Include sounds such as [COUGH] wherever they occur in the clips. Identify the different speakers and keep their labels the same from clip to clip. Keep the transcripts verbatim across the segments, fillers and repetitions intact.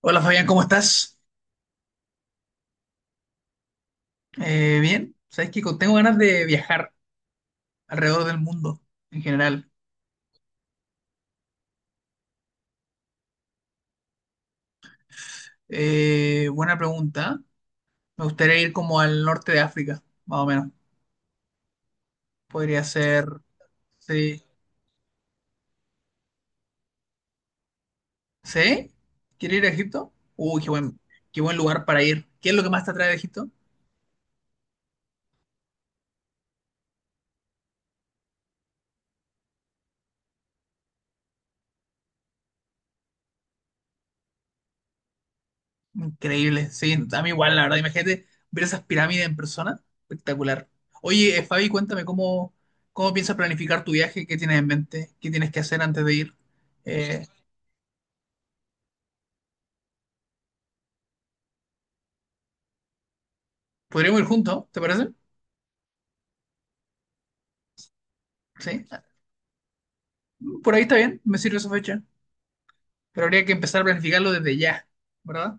Speaker 1: Hola Fabián, ¿cómo estás? Eh, bien, sabes que tengo ganas de viajar alrededor del mundo en general. Eh, buena pregunta. Me gustaría ir como al norte de África, más o menos. Podría ser, sí, ¿sí? ¿Quieres ir a Egipto? Uy, qué buen, qué buen lugar para ir. ¿Qué es lo que más te atrae de Egipto? Increíble, sí, a mí igual, la verdad. Imagínate ver esas pirámides en persona, espectacular. Oye, eh, Fabi, cuéntame cómo, cómo piensas planificar tu viaje, qué tienes en mente, qué tienes que hacer antes de ir. Eh, Podríamos ir juntos, ¿te parece? Sí. Por ahí está bien, me sirve esa fecha. Pero habría que empezar a planificarlo desde ya, ¿verdad?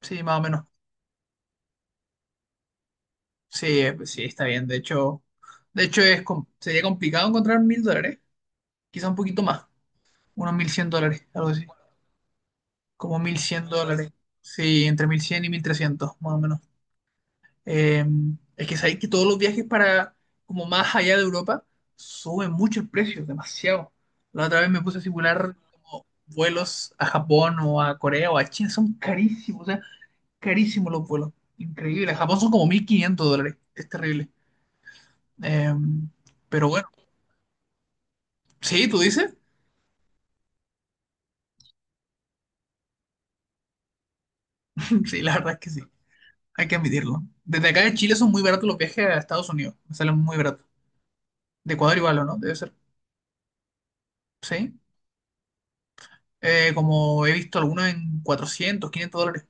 Speaker 1: Sí, más o menos. Sí, eh, sí, está bien. De hecho, de hecho es, com- sería complicado encontrar mil dólares. Quizá un poquito más. Unos mil cien dólares, algo así. Como mil cien dólares. Sí, entre mil cien y mil trescientos, más o menos. Eh, es que sabéis que todos los viajes para como más allá de Europa suben mucho el precio, demasiado. La otra vez me puse a simular como vuelos a Japón o a Corea o a China, son carísimos, o sea, carísimos los vuelos. Increíble. A Japón son como mil quinientos dólares, es terrible. Eh, pero bueno, sí, tú dices, [LAUGHS] sí, la verdad es que sí, hay que admitirlo. Desde acá de Chile son muy baratos los viajes a Estados Unidos, me salen muy baratos. De Ecuador igual, ¿o no? Debe ser, sí. Eh, como he visto algunos en cuatrocientos quinientos dólares.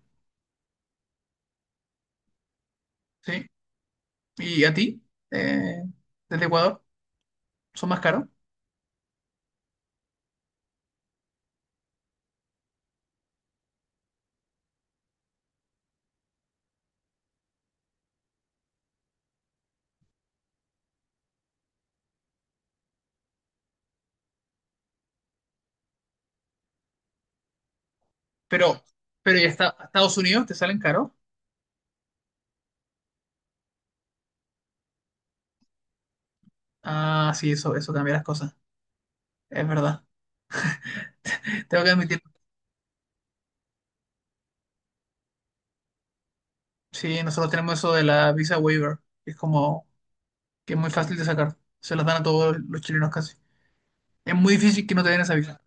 Speaker 1: Sí, y a ti, eh, desde Ecuador, son más caros. Pero, pero ya está, a Estados Unidos te salen caros. Ah, sí, eso, eso cambia las cosas. Es verdad. Tengo que admitir, sí, nosotros tenemos eso de la visa waiver, que es como que es muy fácil de sacar. Se las dan a todos los chilenos casi. Es muy difícil que no te den esa visa.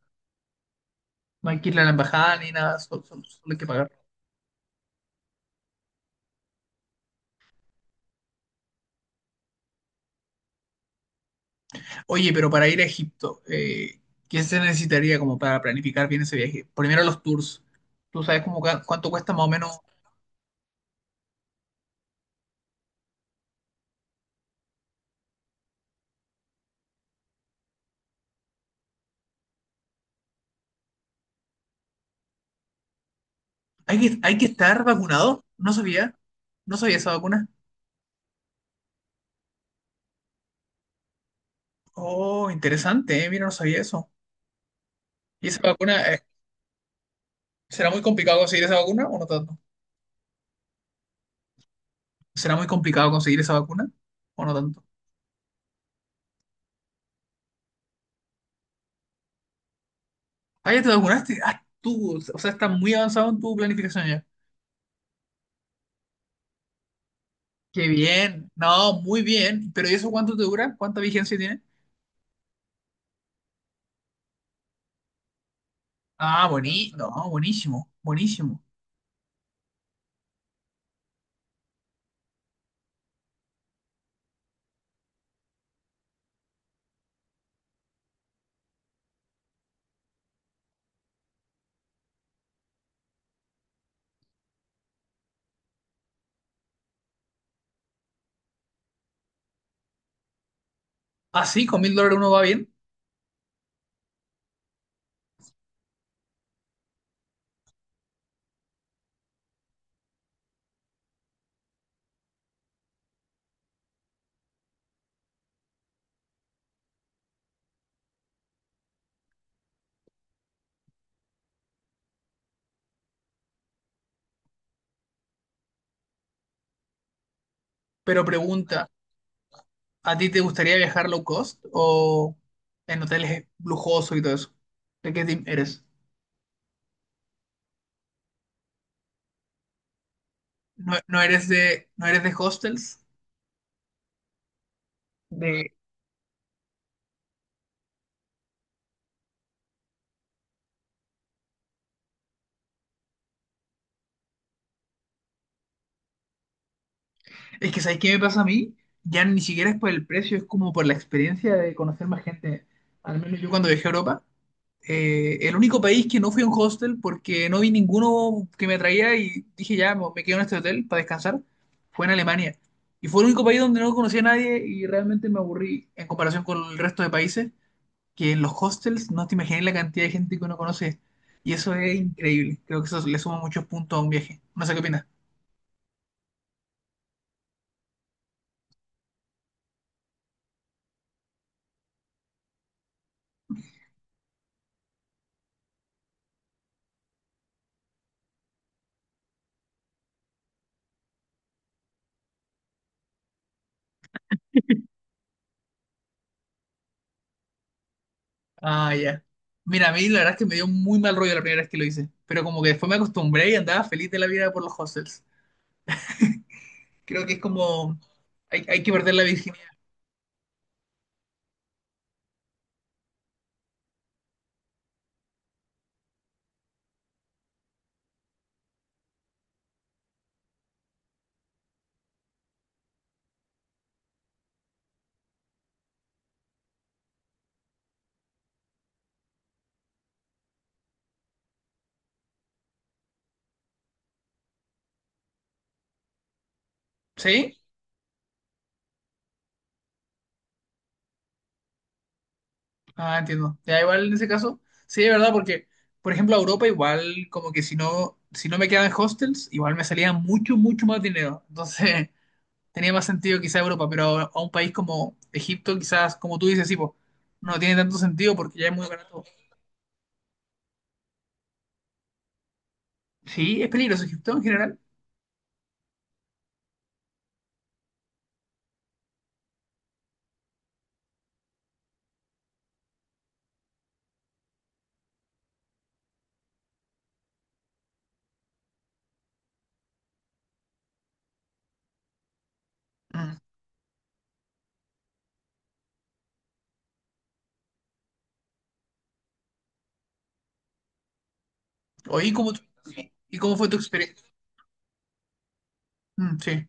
Speaker 1: No hay que ir a la embajada ni nada, sol- sol- solo, hay que pagar. Oye, pero para ir a Egipto, eh, ¿qué se necesitaría como para planificar bien ese viaje? Primero los tours. ¿Tú sabes como cua- cuánto cuesta más o menos? Hay que, hay que estar vacunado. No sabía. No sabía esa vacuna. Oh, interesante, eh, mira, no sabía eso. ¿Y esa vacuna, eh, será muy complicado conseguir esa vacuna o no tanto? ¿Será muy complicado conseguir esa vacuna o no tanto? Ah, ya te vacunaste. Ah, tú, o sea, estás muy avanzado en tu planificación ya. Qué bien. No, muy bien. ¿Pero y eso cuánto te dura? ¿Cuánta vigencia tiene? Ah, buenísimo. No, buenísimo. Buenísimo. Así, con mil dólares uno va bien. Pero pregunta, ¿a ti te gustaría viajar low cost o en hoteles lujosos y todo eso? ¿De qué team eres? ¿No, no eres de, no eres de hostels? De... Es que, ¿sabes qué me pasa a mí? Ya ni siquiera es por el precio, es como por la experiencia de conocer más gente. Al menos yo cuando viajé a Europa, eh, el único país que no fui a un hostel porque no vi ninguno que me atraía y dije ya, me me quedo en este hotel para descansar, fue en Alemania. Y fue el único país donde no conocí a nadie y realmente me aburrí en comparación con el resto de países, que en los hostels no te imaginas la cantidad de gente que uno conoce. Y eso es increíble. Creo que eso le suma muchos puntos a un viaje. No sé qué opinas. Ah, ya. Mira, a mí la verdad es que me dio muy mal rollo la primera vez que lo hice. Pero como que después me acostumbré y andaba feliz de la vida por los hostels. Creo que es como... Hay, hay que perder la virginidad. ¿Sí? Ah, entiendo. Ya igual en ese caso. Sí, de verdad, porque... Por ejemplo, a Europa igual como que si no, si no me quedaba en hostels, igual me salía mucho, mucho más dinero. Entonces... [LAUGHS] tenía más sentido quizá Europa, pero a, a un país como Egipto, quizás, como tú dices, sí, po, no tiene tanto sentido porque ya es muy barato. Sí, es peligroso Egipto en general. Mm. Oye, ¿cómo, tu- y cómo fue tu experiencia? Sí.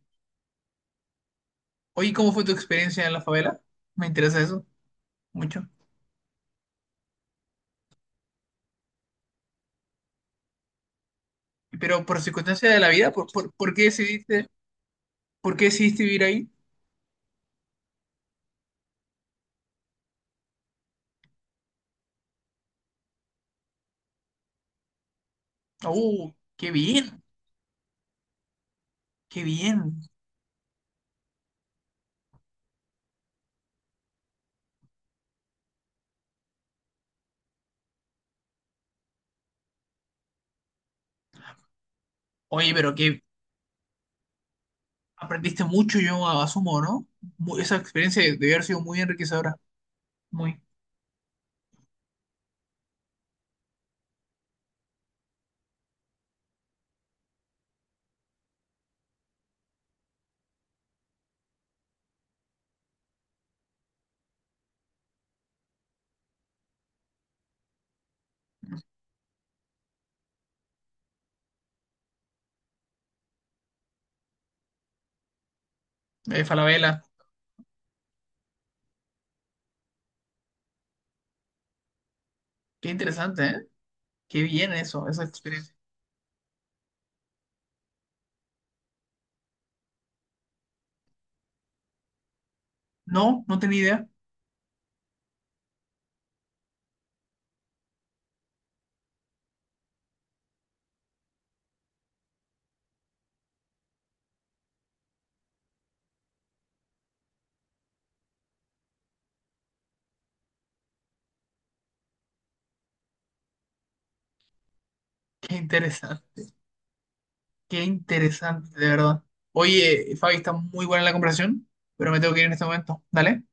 Speaker 1: Oye, ¿cómo fue tu experiencia en la favela? Me interesa eso mucho. Pero por circunstancias de la vida, ¿por, por, por qué decidiste, por qué decidiste vivir ahí? ¡Oh, qué bien! ¡Qué bien! Oye, pero que aprendiste mucho, yo asumo, ¿no? Mu- esa experiencia debió haber sido muy enriquecedora. Muy. Eh, Falabella. Qué interesante, ¿eh? Qué bien eso, esa experiencia. No, no tenía idea. Qué interesante, qué interesante, de verdad. Oye, Fabi, está muy buena la conversación, pero me tengo que ir en este momento. Dale.